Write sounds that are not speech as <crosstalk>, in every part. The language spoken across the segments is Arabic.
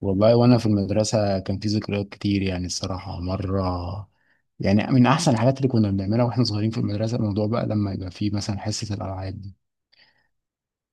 والله وانا في المدرسه كان في ذكريات كتير يعني الصراحه مره. يعني من احسن الحاجات اللي كنا بنعملها واحنا صغيرين في المدرسه الموضوع بقى لما يبقى في مثلا حصه الالعاب دي.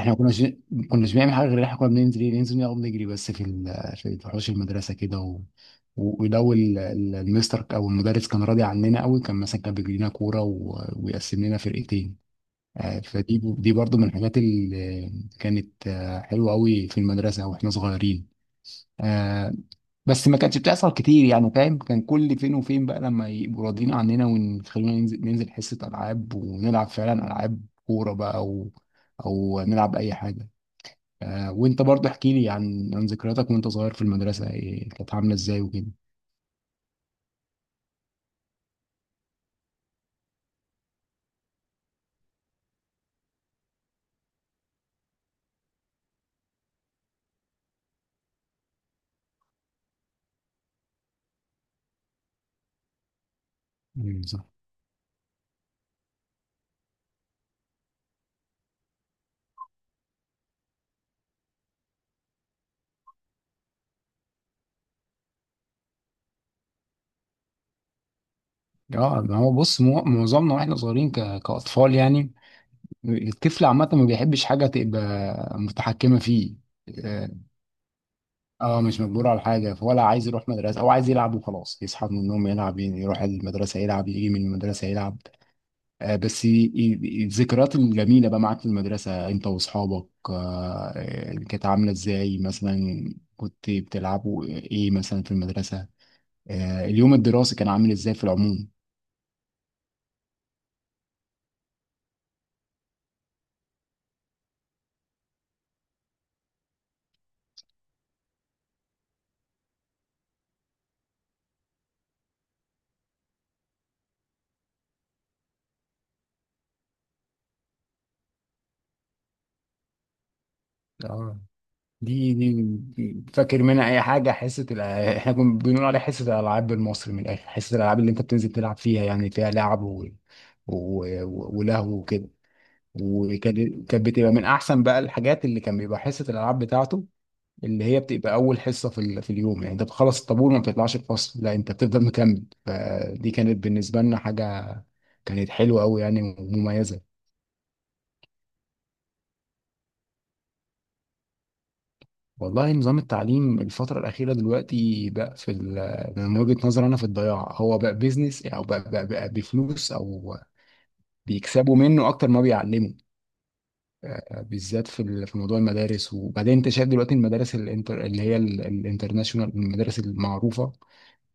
احنا ما كناش ما كناش بنعمل حاجه غير إن احنا كنا بننزل إيه؟ ننزل نقعد نجري بس في ال- في في حوش المدرسه كده ولو المستر او المدرس كان راضي عننا قوي كان مثلا كان بيجري لنا كوره ويقسم لنا فرقتين. فدي دي برضو من الحاجات اللي كانت حلوه قوي في المدرسه واحنا صغيرين. آه، بس ما كانتش بتحصل كتير يعني فاهم، كان كل فين وفين بقى لما يبقوا راضيين عننا ويخلونا ننزل ننزل حصة ألعاب ونلعب فعلا ألعاب، كورة بقى أو أو نلعب أي حاجة. آه، وأنت برضه احكي لي عن ذكرياتك وأنت صغير في المدرسة، إيه كانت عاملة إزاي وكده؟ مم، صح. اه، ما هو بص، معظمنا واحنا صغيرين كأطفال يعني، الطفل عامة ما بيحبش حاجة تبقى متحكمة فيه. آه، اه مش مجبور على حاجة ولا عايز يروح مدرسة، هو عايز يلعب وخلاص، يصحى من النوم يلعب يعني، يروح المدرسة يلعب، يجي من المدرسة يلعب. آه، بس الذكريات الجميلة بقى معاك في المدرسة انت واصحابك كانت عاملة ازاي مثلا؟ كنت بتلعبوا ايه مثلا في المدرسة؟ آه، اليوم الدراسي كان عامل ازاي في العموم؟ اه، فاكر منها اي حاجه؟ احنا كنا بنقول عليها حصه الالعاب، بالمصري من الاخر حصه الالعاب، اللي انت بتنزل تلعب فيها يعني فيها لعب ولهو وكده. وكانت كانت بتبقى من احسن بقى الحاجات اللي كان بيبقى حصه الالعاب بتاعته، اللي هي بتبقى اول حصه في اليوم يعني، انت بتخلص الطابور وما بتطلعش الفصل، لا انت بتفضل مكمل، فدي كانت بالنسبه لنا حاجه كانت حلوه قوي يعني ومميزه. والله نظام التعليم الفترة الأخيرة دلوقتي بقى من وجهة نظري أنا في الضياع، هو بقى بيزنس أو بقى بفلوس، أو بيكسبوا منه أكتر ما بيعلموا. آه، بالذات في موضوع المدارس، وبعدين أنت شايف دلوقتي المدارس الانتر اللي هي الانترناشونال، المدارس المعروفة،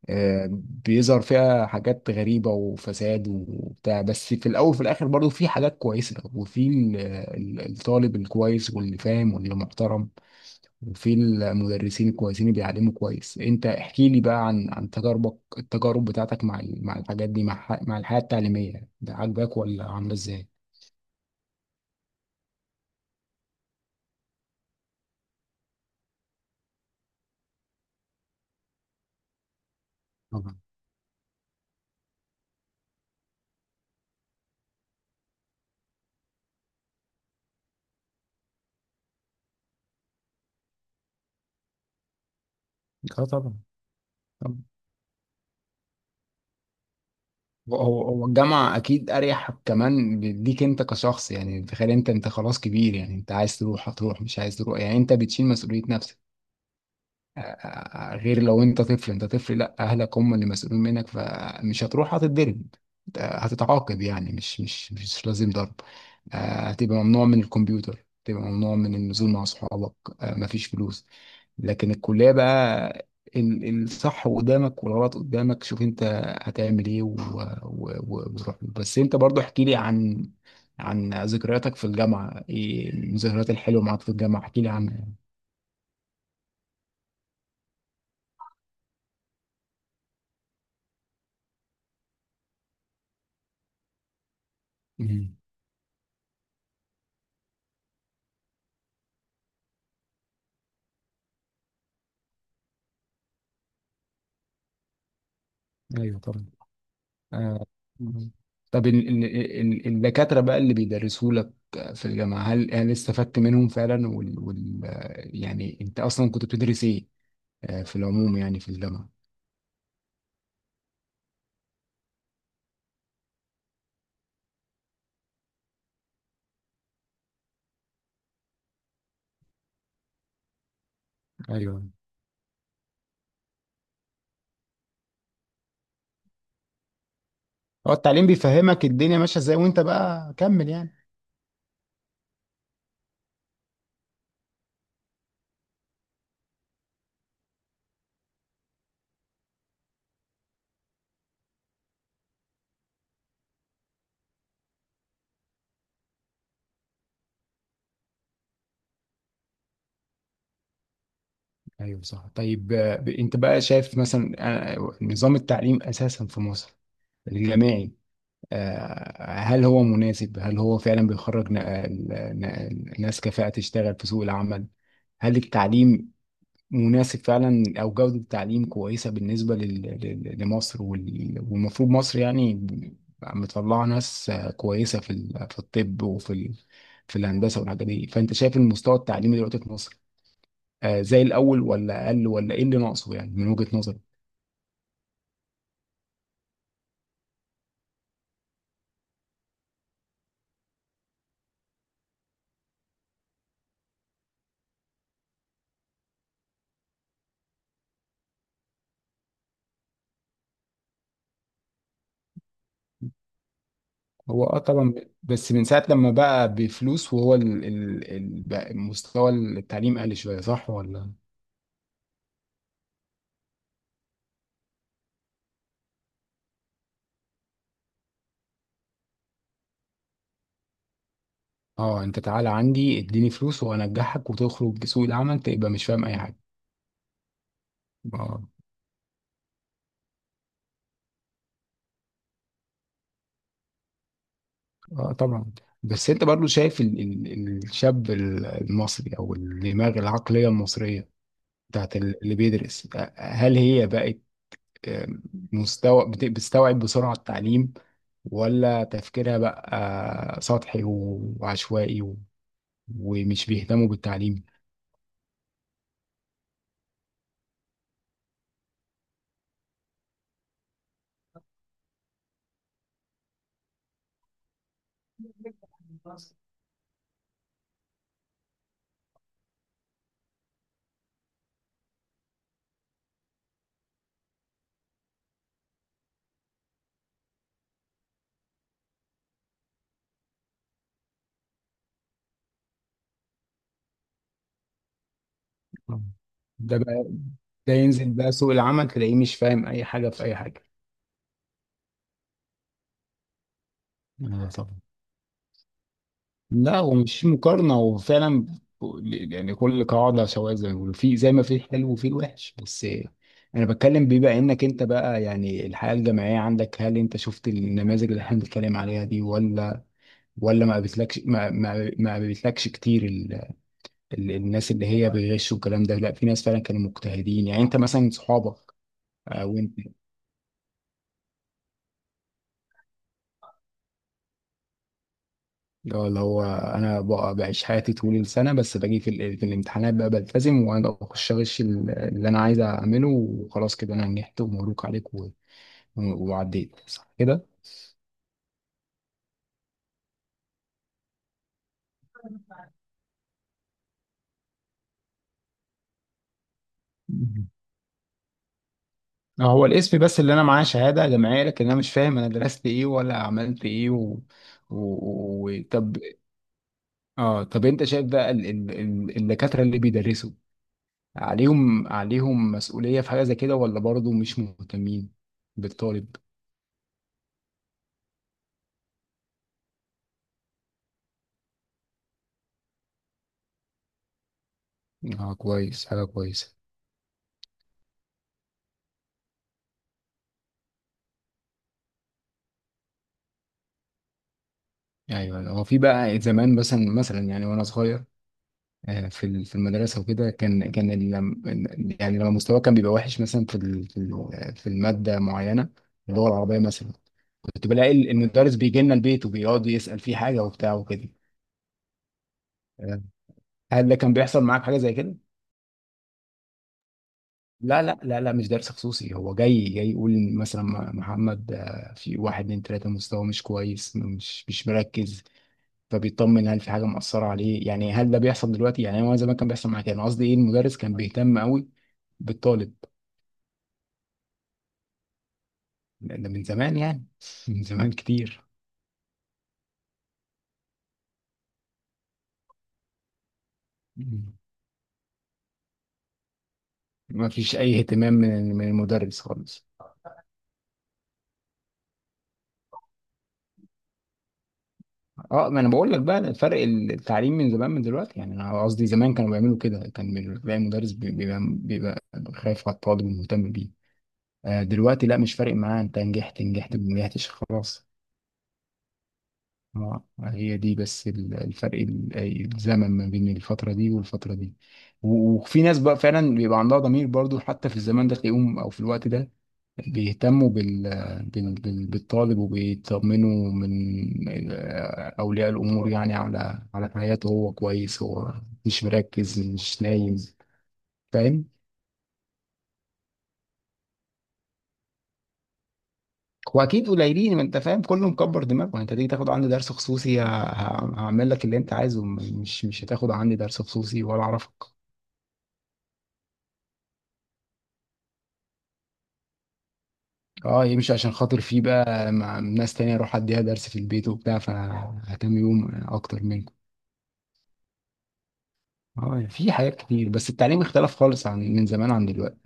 آه، بيظهر فيها حاجات غريبة وفساد وبتاع، بس في الأول وفي الآخر برضه في حاجات كويسة، وفي الطالب الكويس واللي فاهم واللي محترم، وفي المدرسين الكويسين اللي بيعلموا كويس. انت احكي لي بقى عن عن تجاربك، التجارب بتاعتك مع مع الحاجات دي، مع مع الحياة التعليمية، ده عاجباك ولا عاملة ازاي؟ طبعا. اه طبعا. طبعا. هو الجامعة أكيد أريح كمان ليك أنت كشخص يعني، تخيل أنت، أنت خلاص كبير يعني، أنت عايز تروح هتروح، مش عايز تروح يعني، أنت بتشيل مسؤولية. آه، غير لو انت طفل، انت طفل لا، اهلك هم اللي مسؤولين منك، فمش هتروح هتتضرب، آه، هتتعاقب يعني، مش لازم ضرب، آه، هتبقى ممنوع من الكمبيوتر، هتبقى ممنوع من النزول مع اصحابك، آه، مفيش فلوس. لكن الكلية بقى، الصح قدامك والغلط قدامك، شوف انت هتعمل ايه وروح له. بس انت برضو احكي لي عن عن ذكرياتك في الجامعة، ايه الذكريات الحلوة معاك في الجامعة، احكي لي عنها. مم. ايوه طبعا. آه. مم. طب الدكاترة بقى اللي بيدرسوا لك في الجامعة، هل هل استفدت منهم فعلا يعني انت اصلا كنت بتدرس ايه؟ آه، في العموم يعني في الجامعة. ايوه. هو التعليم بيفهمك الدنيا ماشية ازاي وانت بقى كمل يعني. ايوه صح، طيب آه، انت بقى شايف مثلا آه، نظام التعليم اساسا في مصر، الجامعي، آه، هل هو مناسب، هل هو فعلا بيخرج ناس كفاءة تشتغل في سوق العمل؟ هل التعليم مناسب فعلا، او جوده التعليم كويسه بالنسبه لمصر، والمفروض مصر يعني بقى مطلعه ناس كويسه في في الطب، وفي في الهندسه والحاجات دي، فانت شايف المستوى التعليمي دلوقتي في مصر آه، زي الاول ولا اقل، ولا ايه اللي ناقصه يعني من وجهه نظرك؟ هو اه طبعا. بس من ساعه لما بقى بفلوس، وهو بقى مستوى التعليم قل شويه، صح ولا؟ اه انت تعالى عندي اديني فلوس وانجحك، وتخرج سوق العمل تبقى مش فاهم اي حاجه. اه. اه طبعا. بس انت برضو شايف ال الشاب المصري، او الدماغ العقليه المصريه بتاعت اللي بيدرس، آه، هل هي بقت آه، مستوى بتستوعب بسرعه التعليم، ولا تفكيرها بقى آه، سطحي وعشوائي ومش بيهتموا بالتعليم؟ آه. ده بقى، ده ينزل بقى سوق العمل تلاقيه مش فاهم اي حاجه في اي حاجه. آه، طبعا. لا، ومش مقارنة وفعلا، يعني كل قاعدة سواء زي ما بيقولوا، في زي ما في الحلو وفي الوحش بس. أنا بتكلم بما إنك أنت بقى يعني الحياة الجامعية عندك، هل أنت شفت النماذج اللي إحنا بنتكلم عليها دي، ولا ولا ما قابلتلكش، ما قابلتلكش كتير ال الناس اللي هي بيغشوا والكلام ده؟ لا في ناس فعلا كانوا مجتهدين يعني، أنت مثلا صحابك آه، وانت. اللي هو اللي هو انا بقى بعيش حياتي طول السنه، بس باجي في الامتحانات بقى بلتزم وانا بخش اغش اللي انا عايز اعمله، وخلاص كده انا نجحت ومبروك عليك وعديت، صح كده؟ مم. آه، هو الاسم بس اللي انا معاه، شهاده جامعيه، لكن انا مش فاهم انا درست ايه ولا عملت ايه و... طب. اه طب انت شايف بقى الدكاتره اللي بيدرسوا، عليهم عليهم مسؤوليه في حاجه زي كده، ولا برضه مش مهتمين بالطالب؟ اه كويس، حاجه كويسه. ايوه هو في بقى زمان مثلا مثلا يعني، وانا صغير آه، في في المدرسه وكده، كان يعني لما مستواي كان بيبقى وحش مثلا في الماده معينه، اللغه العربيه مثلا، كنت بلاقي المدرس بيجي لنا البيت وبيقعد يسال فيه حاجه وبتاع وكده، آه، هل ده كان بيحصل معاك حاجه زي كده؟ لا لا مش درس خصوصي، هو جاي، جاي يقول مثلا محمد آه، في واحد اتنين تلاته مستواه مش كويس، مش مركز، فبيطمن هل في حاجه مأثره عليه يعني، هل ده بيحصل دلوقتي يعني؟ هو زمان كان بيحصل معايا كده، انا قصدي ايه، المدرس كان بيهتم قوي بالطالب. ده من زمان يعني <laughs> من زمان كتير. ما فيش اي اهتمام من من المدرس خالص. اه، ما انا بقول لك بقى فرق التعليم من زمان من دلوقتي يعني، انا قصدي زمان كانوا بيعملوا كده، كان بيلاقي مدرس بيبقى بيبقى خايف على الطالب ومهتم بيه، آه، دلوقتي لا مش فارق معاه، انت نجحت نجحت، ما نجحتش خلاص. اه، هي دي بس الفرق، الزمن ما بين الفترة دي والفترة دي. وفي ناس بقى فعلا بيبقى عندها ضمير برضو حتى في الزمان ده تلاقيهم، او في الوقت ده بيهتموا بالطالب، وبيطمنوا من ال- اولياء الامور يعني، على على حياته، هو كويس، هو مش مركز، مش نايم، فاهم؟ واكيد قليلين، ما انت فاهم، كله مكبر دماغه يعني، انت تيجي تاخد عندي درس خصوصي هعمل لك اللي انت عايزه، مش مش هتاخد عندي درس خصوصي ولا اعرفك. اه يمشي عشان خاطر فيه بقى، مع ناس تانية اروح اديها درس في البيت وبتاع، فهتم بيهم اكتر منكم. اه يعني في حاجات كتير، بس التعليم اختلف خالص عن من زمان عن دلوقتي.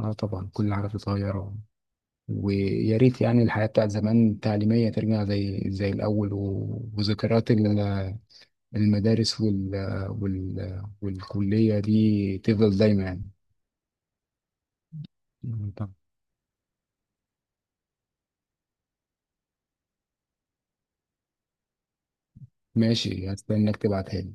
اه طبعا، كل حاجة بتتغير، ويا ريت يعني الحياة بتاعت زمان تعليمية ترجع زي زي الأول، وذكريات المدارس والكلية دي تفضل دايما يعني. طب ماشي، هستناك تبعتها لي.